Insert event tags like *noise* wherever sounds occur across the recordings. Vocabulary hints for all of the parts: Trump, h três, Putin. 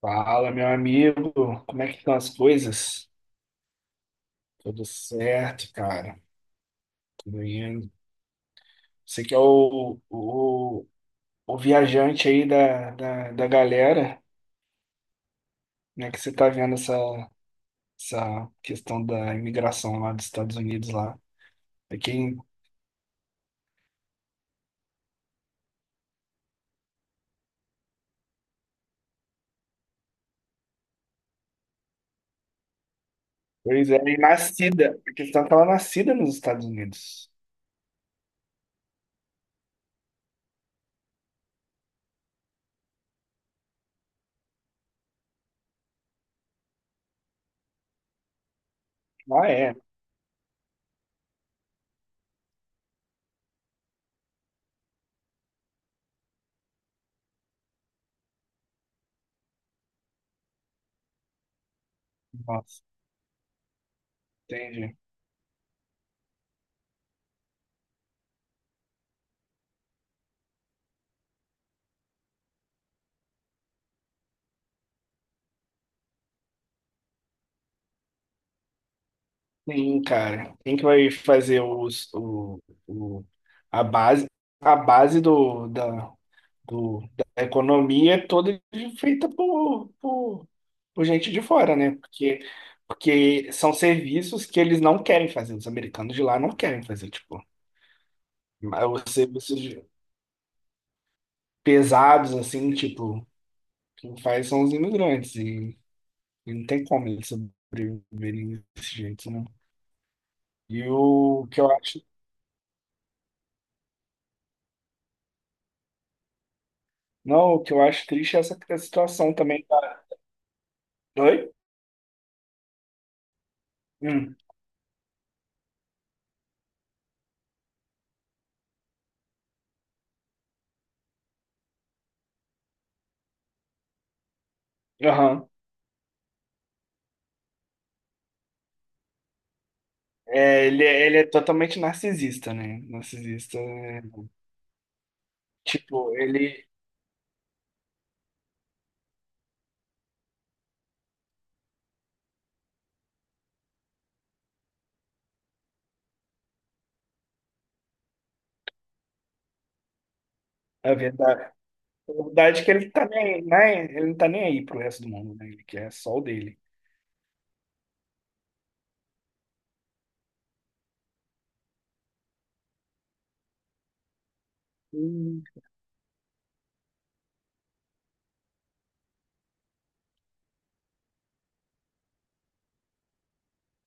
Fala, meu amigo, como é que estão as coisas? Tudo certo, cara. Tudo indo. Você que é o viajante aí da galera, né? Que você tá vendo essa questão da imigração lá dos Estados Unidos lá. É quem, pois é, e nascida. A questão é que ela é nascida nos Estados Unidos. Ah, é. Nossa, entendi. Sim, cara. Quem que vai fazer o, a base? A base da economia é toda feita por gente de fora, né? Porque são serviços que eles não querem fazer, os americanos de lá não querem fazer, tipo, mas os pesados, assim, tipo, quem faz são os imigrantes, e não tem como eles sobreviverem desse jeito, né? E o que eu acho, não, o que eu acho triste é essa situação também. Oi? Hum, aham. É, ele é totalmente narcisista, né? Narcisista é Tipo, ele. A verdade, a verdade é que ele tá nem, né? Ele não tá nem aí pro resto do mundo, né? Ele quer só o dele. Hum.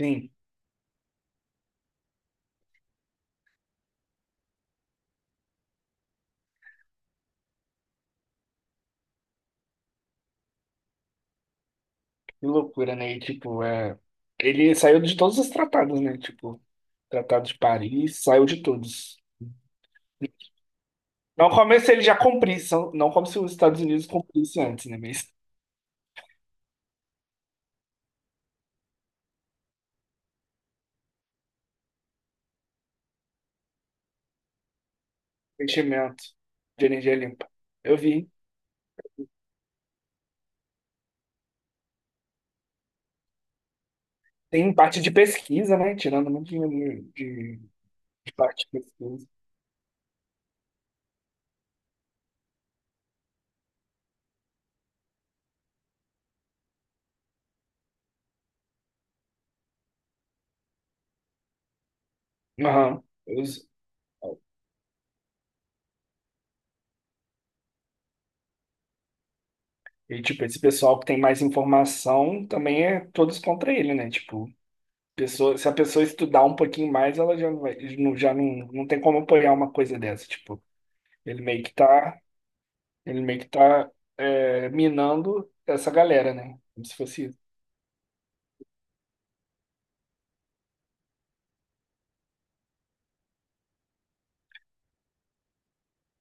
Sim, que loucura, né? E, tipo, é, ele saiu de todos os tratados, né? Tipo, Tratado de Paris, saiu de todos. Não como se ele já cumprisse, não como se os Estados Unidos cumprissem antes, né? Mas investimento de energia limpa. Eu vi. Tem parte de pesquisa, né? Tirando muito dinheiro de parte de pesquisa. Aham. Os- E, tipo, esse pessoal que tem mais informação também é todos contra ele, né? Tipo, pessoa, se a pessoa estudar um pouquinho mais, ela já não vai, não- já não, não tem como apoiar uma coisa dessa. Tipo, ele meio que tá, ele meio que tá é, minando essa galera, né? Como se fosse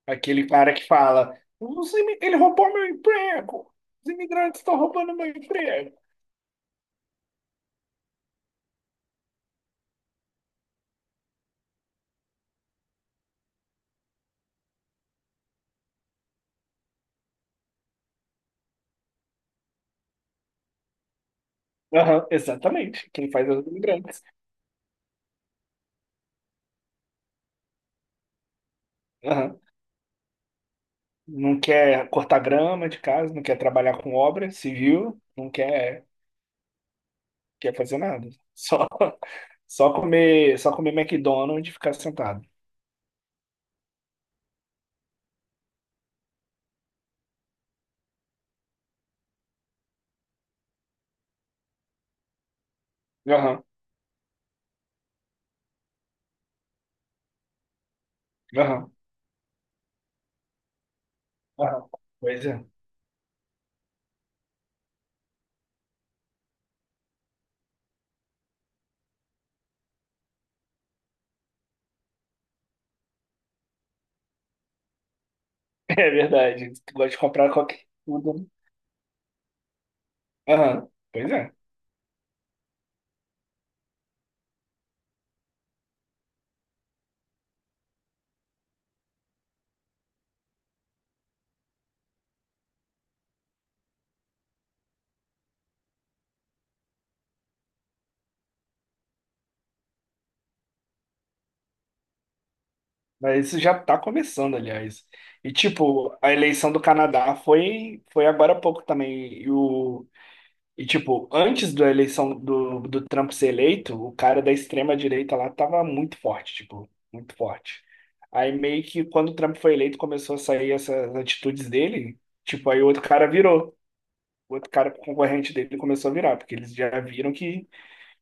aquele cara que fala: "Os imi- ele roubou meu emprego! Os imigrantes estão roubando meu emprego! Aham, exatamente. Quem faz é os imigrantes. Não quer cortar grama de casa, não quer trabalhar com obra civil, não quer, quer fazer nada. *laughs* Só, só comer McDonald's e ficar sentado. Aham, aham, aham. Pois é. *laughs* É verdade. Gosta de comprar qualquer tudo. Né? Aham, pois é. Mas isso já tá começando, aliás. E, tipo, a eleição do Canadá foi agora há pouco também. E o, e, tipo, antes da eleição do Trump ser eleito, o cara da extrema-direita lá tava muito forte, tipo, muito forte. Aí meio que quando o Trump foi eleito, começou a sair essas atitudes dele, tipo, aí o outro cara virou. O outro cara concorrente dele começou a virar, porque eles já viram que.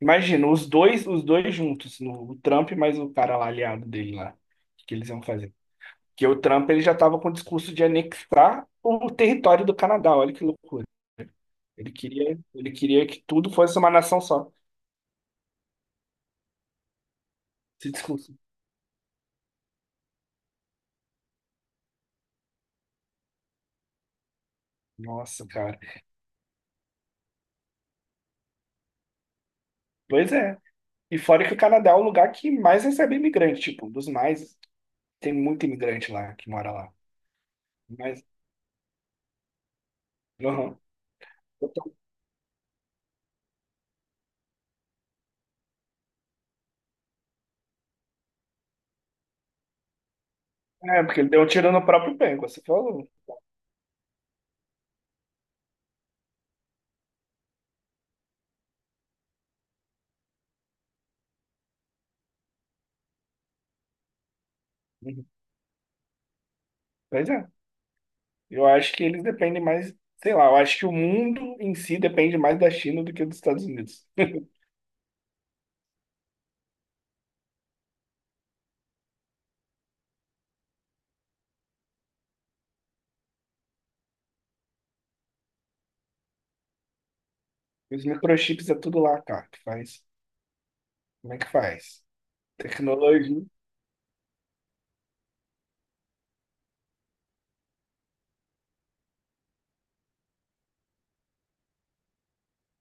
Imagina, os dois juntos, no, o Trump mais o cara lá aliado dele lá. O que que eles iam fazer? Porque o Trump ele já tava com o discurso de anexar o território do Canadá, olha que loucura. Ele queria que tudo fosse uma nação só. Esse discurso. Nossa, cara. Pois é. E fora que o Canadá é o lugar que mais recebe imigrante, tipo, um dos mais. Tem muito imigrante lá que mora lá. Mas. Uhum. Então, é, porque ele deu um tiro no próprio pé, como você falou. Uhum. Pois é. Eu acho que eles dependem mais, sei lá, eu acho que o mundo em si depende mais da China do que dos Estados Unidos. *laughs* Os microchips é tudo lá, cara, que faz. Como é que faz? Tecnologia.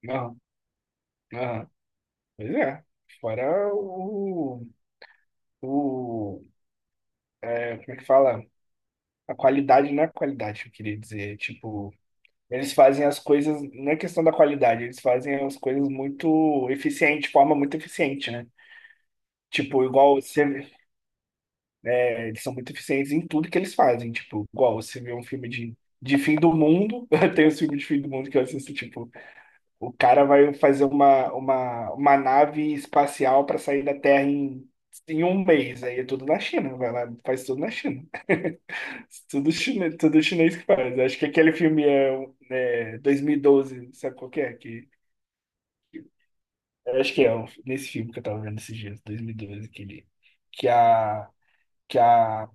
Não, não. Pois é. Fora o. É, como é que fala? A qualidade não é qualidade, que eu queria dizer. Tipo, eles fazem as coisas. Não é questão da qualidade, eles fazem as coisas muito eficiente, de forma muito eficiente, né? Tipo, igual você. É, eles são muito eficientes em tudo que eles fazem. Tipo, igual você vê um filme de fim do mundo. *laughs* Tem os filmes de fim do mundo que eu assisto, tipo. O cara vai fazer uma nave espacial para sair da Terra em, em um mês. Aí é tudo na China. Vai lá, faz tudo na China. *laughs* Tudo chinês que faz. Acho que aquele filme é, é 2012, sabe qual que é? Que, eu acho que nesse filme que eu tava vendo esses dias, 2012, aquele, que a, que a,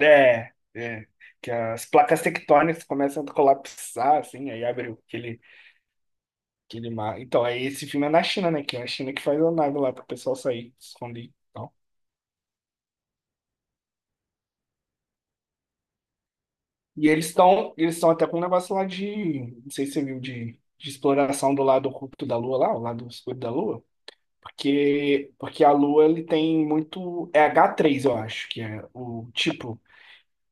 é, é, que as placas tectônicas começam a colapsar, assim, aí abre aquele aquele mar. Então, aí esse filme é na China, né? Que é a China que faz a nave lá para o pessoal sair, se esconder. E tal. E eles estão até com um negócio lá de. Não sei se você viu, de exploração do lado oculto da Lua lá, o lado escuro da Lua. Porque a Lua ele tem muito. É h três eu acho, que é o tipo.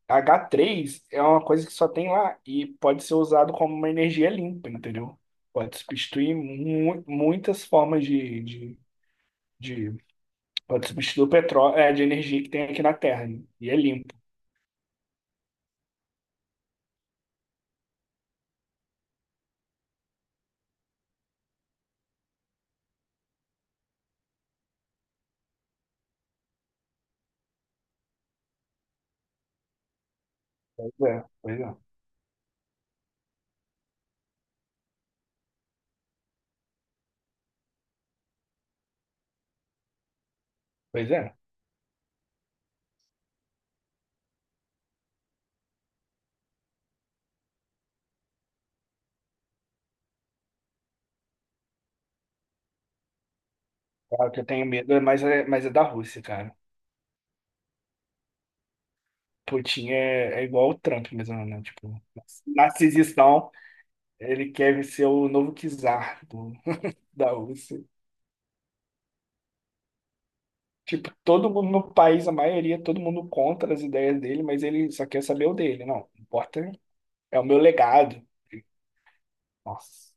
H três é uma coisa que só tem lá e pode ser usado como uma energia limpa, entendeu? Pode substituir mu muitas formas de pode substituir o petróleo, é, de energia que tem aqui na Terra. Né? E é limpo. Pois é, pois é. Pois é. Claro que eu tenho medo, é mas é da Rússia, cara. Putin é igual o Trump mesmo, né? Tipo, narcisistão. Ele quer ser o novo czar *laughs* da Rússia. Tipo, todo mundo no país, a maioria, todo mundo contra as ideias dele, mas ele só quer saber o dele. Não, não importa, é o meu legado. Nossa,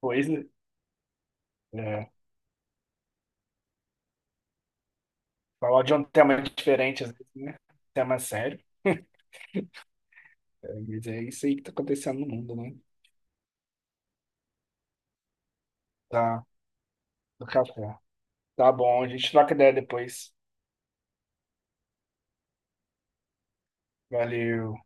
pois, né? É, falar de um tema diferente, às vezes, né? Um tema sério. Mas é isso aí que tá acontecendo no mundo, né? Tá, do café. Tá bom, a gente troca ideia depois. Valeu.